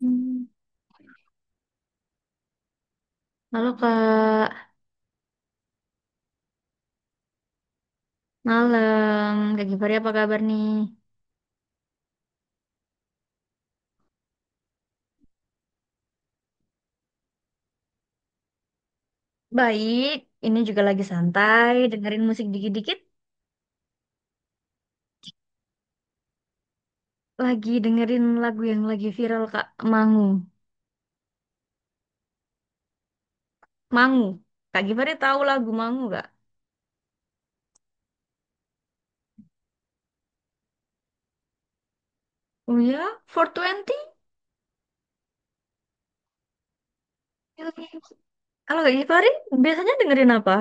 Hmm. Halo Kak, malam. Kak Givari apa kabar nih? Baik, ini juga lagi santai, dengerin musik dikit-dikit, lagi dengerin lagu yang lagi viral Kak, Mangu. Mangu. Kak Givari tahu lagu Mangu gak? Oh ya, four Twenty. Kalau Kak Givari biasanya dengerin apa?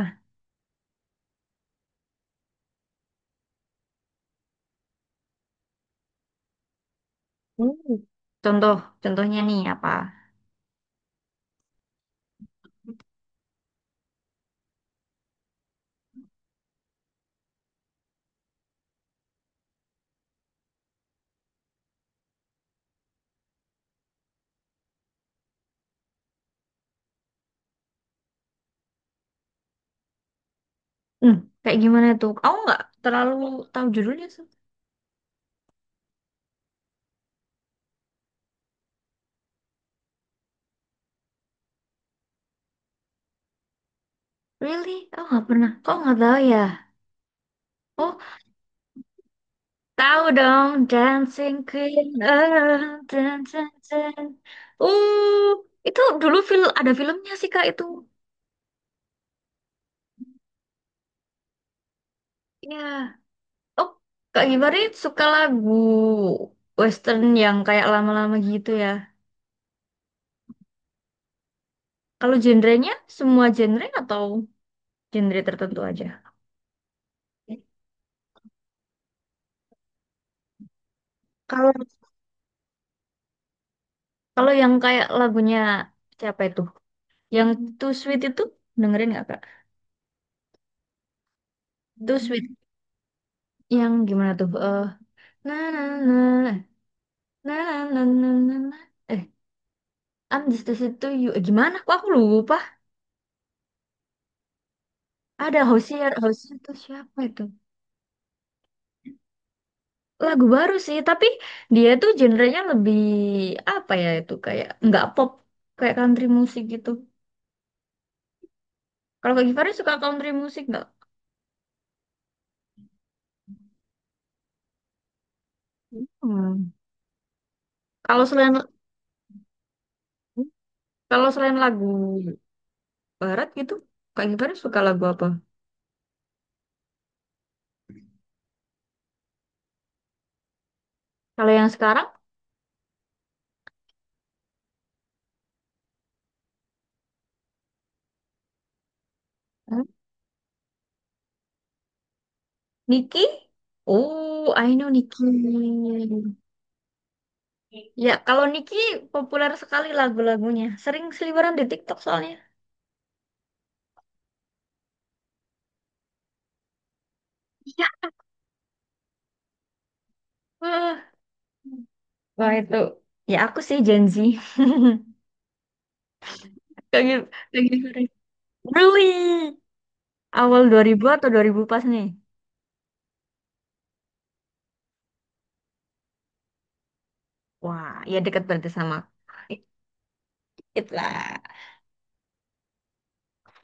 Hmm. Contoh, contohnya nih apa? Hmm, kayak gimana tuh? Aku nggak terlalu tahu judulnya sih. Really? Aku nggak pernah. Kok nggak tahu ya? Oh, tahu dong, Dancing Queen. Dun, dun, dun. Uh, itu dulu film ada filmnya sih Kak itu. Ya. Oh, Kak Gibari suka lagu western yang kayak lama-lama gitu ya. Kalau genrenya semua genre atau genre tertentu aja? Kalau kalau yang kayak lagunya siapa itu? Yang Too Sweet itu dengerin nggak Kak? Too Sweet yang gimana tuh? Na na na na na na na na na. Eh, Andes di situ itu gimana? Kok aku lupa. Ada Hosier, Hosier tuh siapa itu? Lagu baru sih, tapi dia tuh genrenya lebih apa ya itu kayak nggak pop, kayak country musik gitu. Kalau Kak Givari suka country musik nggak? Hmm. Kalau selain kalau selain lagu barat gitu, Kak Givari suka lagu apa? Kalau yang sekarang, Hmm. Niki? Oh, I know Niki. Ya, kalau Niki populer sekali lagu-lagunya. Sering seliweran di TikTok soalnya. Iya. Eh, Wah itu ya aku sih Gen Z. Lagi lagi Really awal 2000 atau 2000 pas nih. Wah, ya dekat berarti sama. It lah.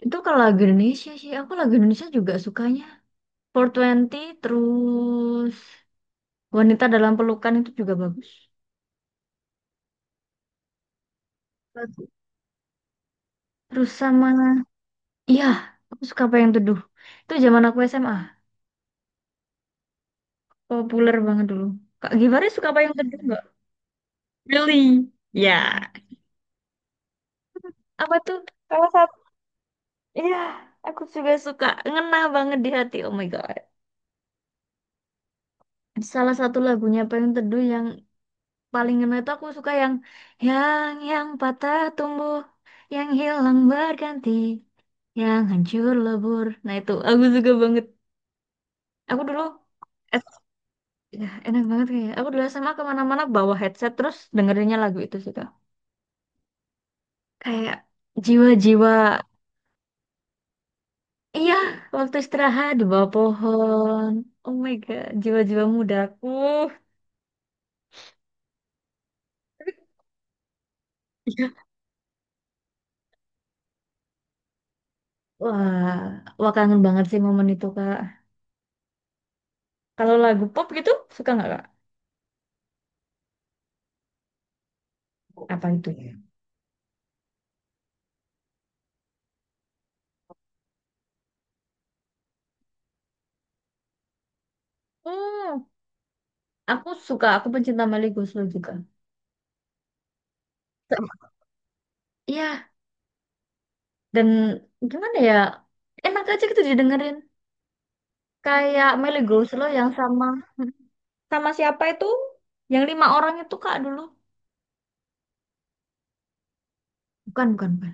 Itu kalau lagu Indonesia sih, aku lagu Indonesia juga sukanya. Four Twenty terus Wanita dalam Pelukan itu juga bagus. Bagus. Terus sama iya, aku suka apa yang Teduh. Itu zaman aku SMA, populer banget dulu. Kak Givari suka apa yang Teduh nggak? Really? Ya. Apa tuh salah satu, iya, aku juga suka. Ngena banget di hati oh my god, salah satu lagunya Payung Teduh yang paling ngena itu aku suka yang yang patah tumbuh, yang hilang berganti, yang hancur lebur, nah itu aku suka banget. Aku dulu S- ya, enak banget kayak aku dulu SMA kemana-mana bawa headset terus dengerinnya lagu itu sih Kak. Kayak jiwa-jiwa, iya, waktu istirahat di bawah pohon, oh my god jiwa-jiwa mudaku. Iya. Wah, wah kangen banget sih momen itu, Kak. Kalau lagu pop gitu, suka nggak, Kak? Apa itu? Hmm, aku suka, aku pencinta Melly Goeslaw juga. Sama. Iya, dan gimana ya, enak aja gitu didengerin. Kayak Melly Goeslaw yang sama, sama siapa itu? Yang lima orang itu, Kak, dulu. Bukan, bukan, bukan.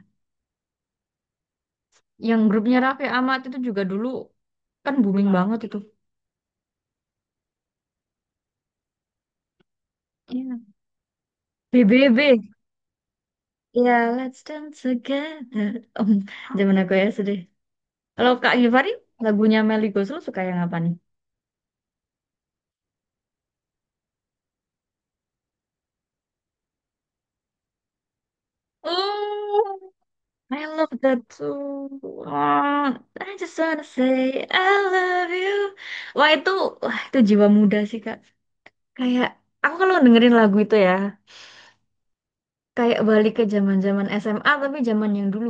Yang grupnya Raffi Ahmad itu juga dulu kan booming banget itu. Iya. B. B B. Iya, Let's Dance Together. Om, zaman aku ya. Kalau Kak Givari, lagunya Melly Goeslaw suka yang apa nih? Oh I love that song, I just wanna say I love you. Wah itu, wah itu jiwa muda sih Kak. Kayak aku kalau dengerin lagu itu ya, kayak balik ke zaman-zaman SMA tapi zaman yang dulu.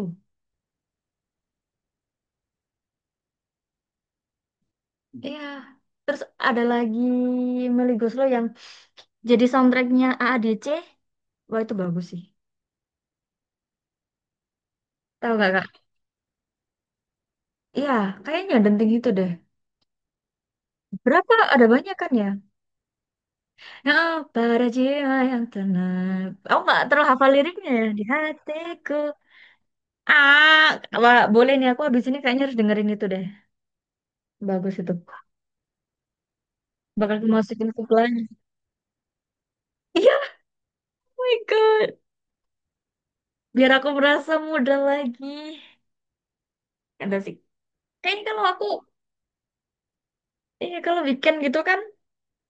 Iya. Terus ada lagi Melly Goeslaw yang jadi soundtracknya AADC. Wah itu bagus sih. Tahu gak Kak? Iya, kayaknya denting itu deh. Berapa ada banyak kan ya? Oh, para jiwa yang tenang. Aku nggak terlalu hafal liriknya ya. Di hatiku. Ah, wah, boleh nih. Aku habis ini kayaknya harus dengerin itu deh. Bagus itu. Bakal aku masukin ke playlist. Iya, oh my God. Biar aku merasa muda lagi. Ada sih. Kayaknya kalau aku, iya kalau weekend gitu kan.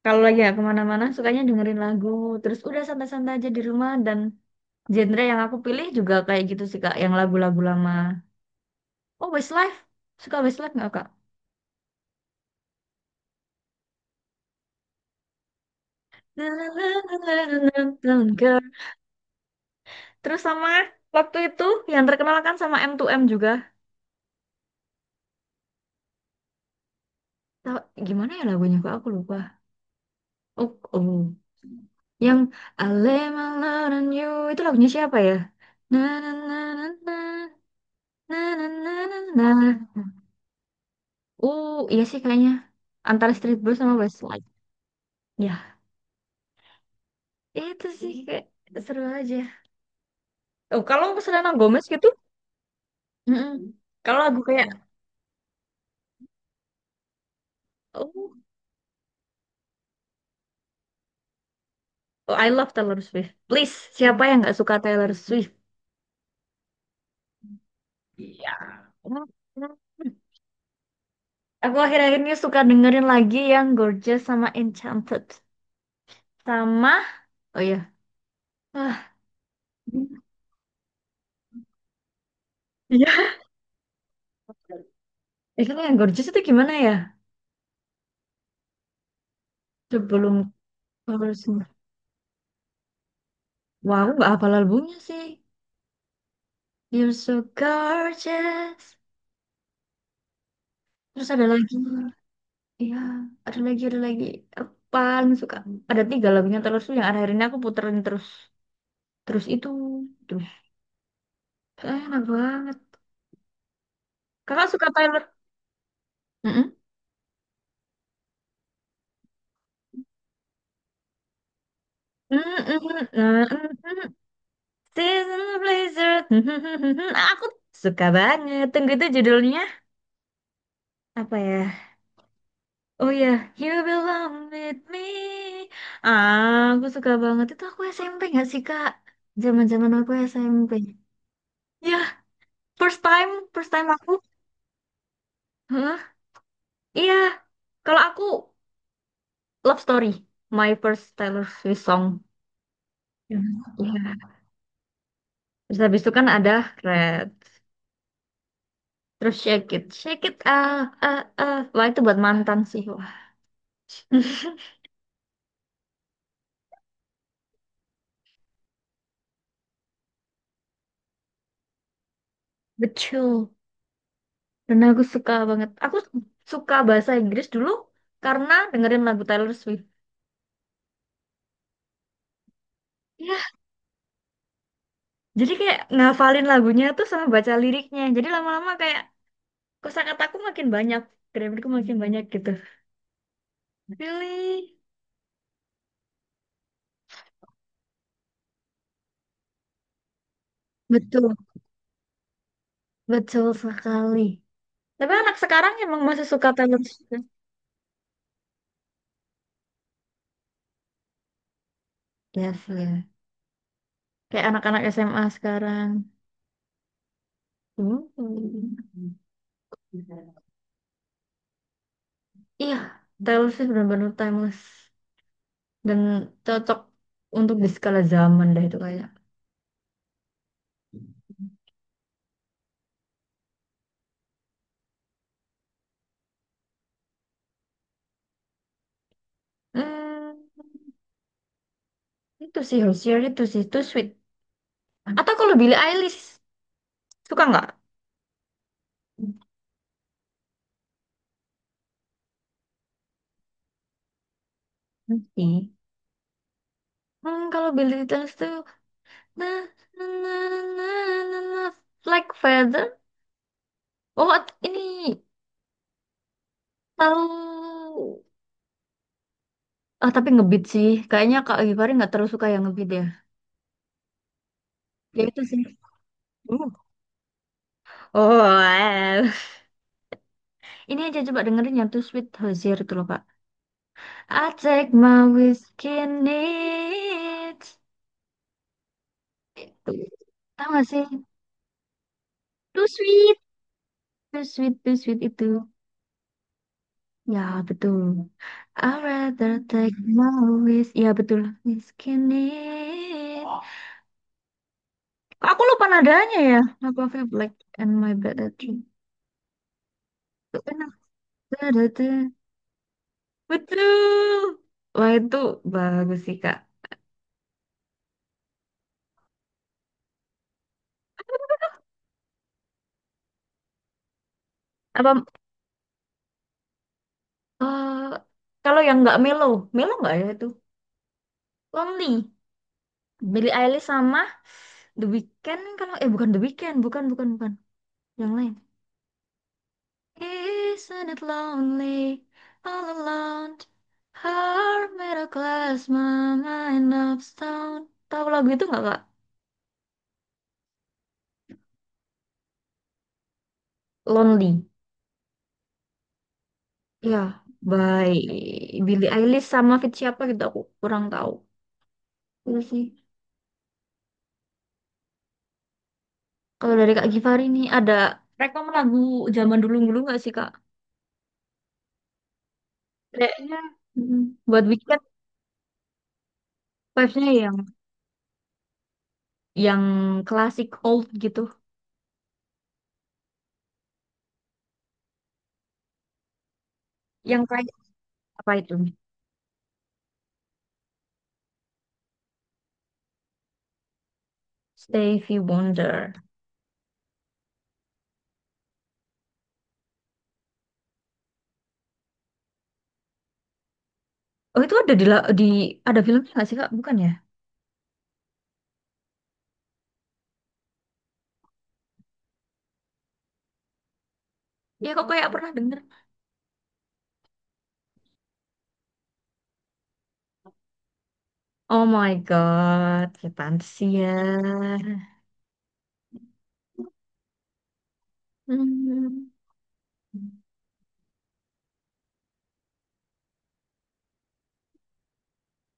Kalau lagi ya kemana-mana, sukanya dengerin lagu. Terus udah santai-santai aja di rumah. Dan genre yang aku pilih juga kayak gitu sih, Kak. Yang lagu-lagu lama. Oh, Westlife. Suka Westlife nggak, Kak? Terus sama waktu itu yang terkenal kan sama M2M juga. Gimana ya lagunya kok aku lupa. Oh, oh. Yang I lay my love on you itu lagunya siapa ya? Na na na na na na na na na na. Iya sih kayaknya antara Street Blues sama Westlife. Ya, itu sih kayak seru aja. Oh, kalau Selena Gomez gitu, mm-mm. Kalau lagu kayak oh, oh, I love Taylor Swift. Please, siapa yang nggak suka Taylor Swift? Iya. Aku akhir-akhir ini suka dengerin lagi yang Gorgeous sama Enchanted. Sama, oh iya. Ah, iya. Eh, kan yang Gorgeous itu gimana ya? Sebelum chorus. Wah, aku nggak hafal albumnya sih. You're so gorgeous. Terus ada lagi. Iya, ada lagi, ada lagi. Aku paling suka. Ada tiga lagunya terus tuh yang akhir-akhir ini aku puterin terus. Terus itu. Terus. Enak banget. Kakak suka Taylor? Mm-mm. Mm-mm, mm-mm, Season Blizzard. Mm-mm, aku suka banget. Tunggu itu judulnya apa ya? Oh ya, You Belong With Me. Ah, aku suka banget. Itu aku SMP nggak sih, Kak? Zaman-zaman aku SMP. Ya, first time aku. Hah? Iya. Kalau aku Love Story, my first Taylor Swift song. Iya. Terus habis itu kan ada Red. Terus shake it, ah, ah, ah. Wah, itu buat mantan sih, wah. Betul. Dan aku suka banget. Aku suka bahasa Inggris dulu karena dengerin lagu Taylor Swift. Ya, jadi kayak ngafalin lagunya tuh sama baca liriknya. Jadi lama-lama kayak kosakataku makin banyak, grammarku makin banyak gitu. Really? Betul, betul sekali. Tapi anak sekarang emang masih suka Taylor Swift. Yes, ya. Kayak anak-anak SMA sekarang. Hmm. Iya, Taylor Swift benar-benar timeless dan cocok untuk di skala zaman dah itu kayak. Hmm, itu sih Hozier itu sih itu sweet. Atau kalau Billie Eilish suka nggak? Nanti. Hmm, kalau Billie Eilish tuh na na na na na na like feather. Oh, ini tahu, ah tapi ngebeat sih. Kayaknya Kak Givari nggak terlalu suka yang ngebeat ya. Ya itu sih. Uh, Oh, well. Ini aja coba dengerin yang tuh Sweet Hozier itu loh, Kak. I take my whiskey neat. Itu. Tahu gak sih? Too sweet, too sweet itu. Ya, betul. I rather take my whis. Ya, betul. Whiskey neat. Kok aku lupa nadanya ya. Aku feel black and my bad at you. Tuh, enak. Da-da-da. Betul. Wah, itu bagus sih, Kak. Apa, eh, kalau yang nggak melo, melo nggak ya itu? Lonely. Billie Eilish sama The Weeknd kalau eh bukan The Weeknd, bukan bukan bukan yang lain. Isn't it lonely all alone? Heart made of glass, my mind. Tahu lagu itu nggak kak? Lonely. Ya, baik. Billie Eilish sama feat siapa gitu aku kurang tahu. Itu sih. Kalau dari Kak Givari nih ada rekom lagu zaman dulu-dulu nggak sih Kak? Kayaknya mm buat weekend vibes-nya yang klasik old gitu. Yang kayak apa itu? Stevie Wonder. Oh itu ada di di ada filmnya nggak sih Kak? Bukan ya? Ya kok kayak pernah denger. Oh my God, setan sih ya. Hmm.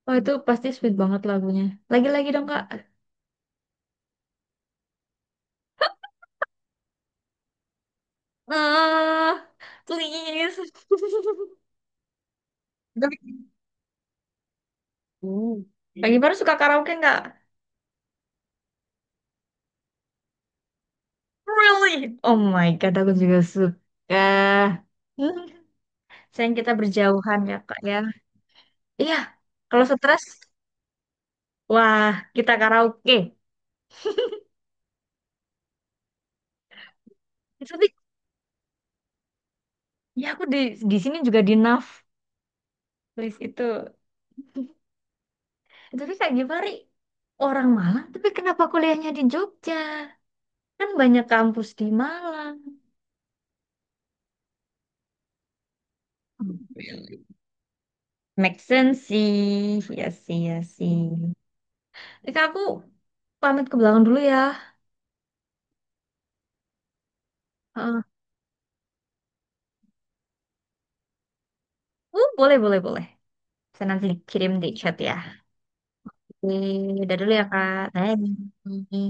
Oh itu pasti sweet banget lagunya. Lagi-lagi dong Kak. Ah, please. Tapi- Uh. Kak Gimana suka karaoke nggak? Really? Oh my God, aku juga suka. Hmm. Sayang kita berjauhan ya Kak ya. Iya, kalau stres wah, kita karaoke. Tapi ya aku di sini juga di NAF list itu. Tapi Kak Givari orang Malang, tapi kenapa kuliahnya di Jogja? Kan banyak kampus di Malang. Make sense sih. Ya sih, ya sih. Jadi Kak, aku pamit ke belakang dulu ya. Heeh. Boleh, boleh, boleh. Saya nanti kirim di chat ya. Oke, dadah dulu ya, Kak. Bye.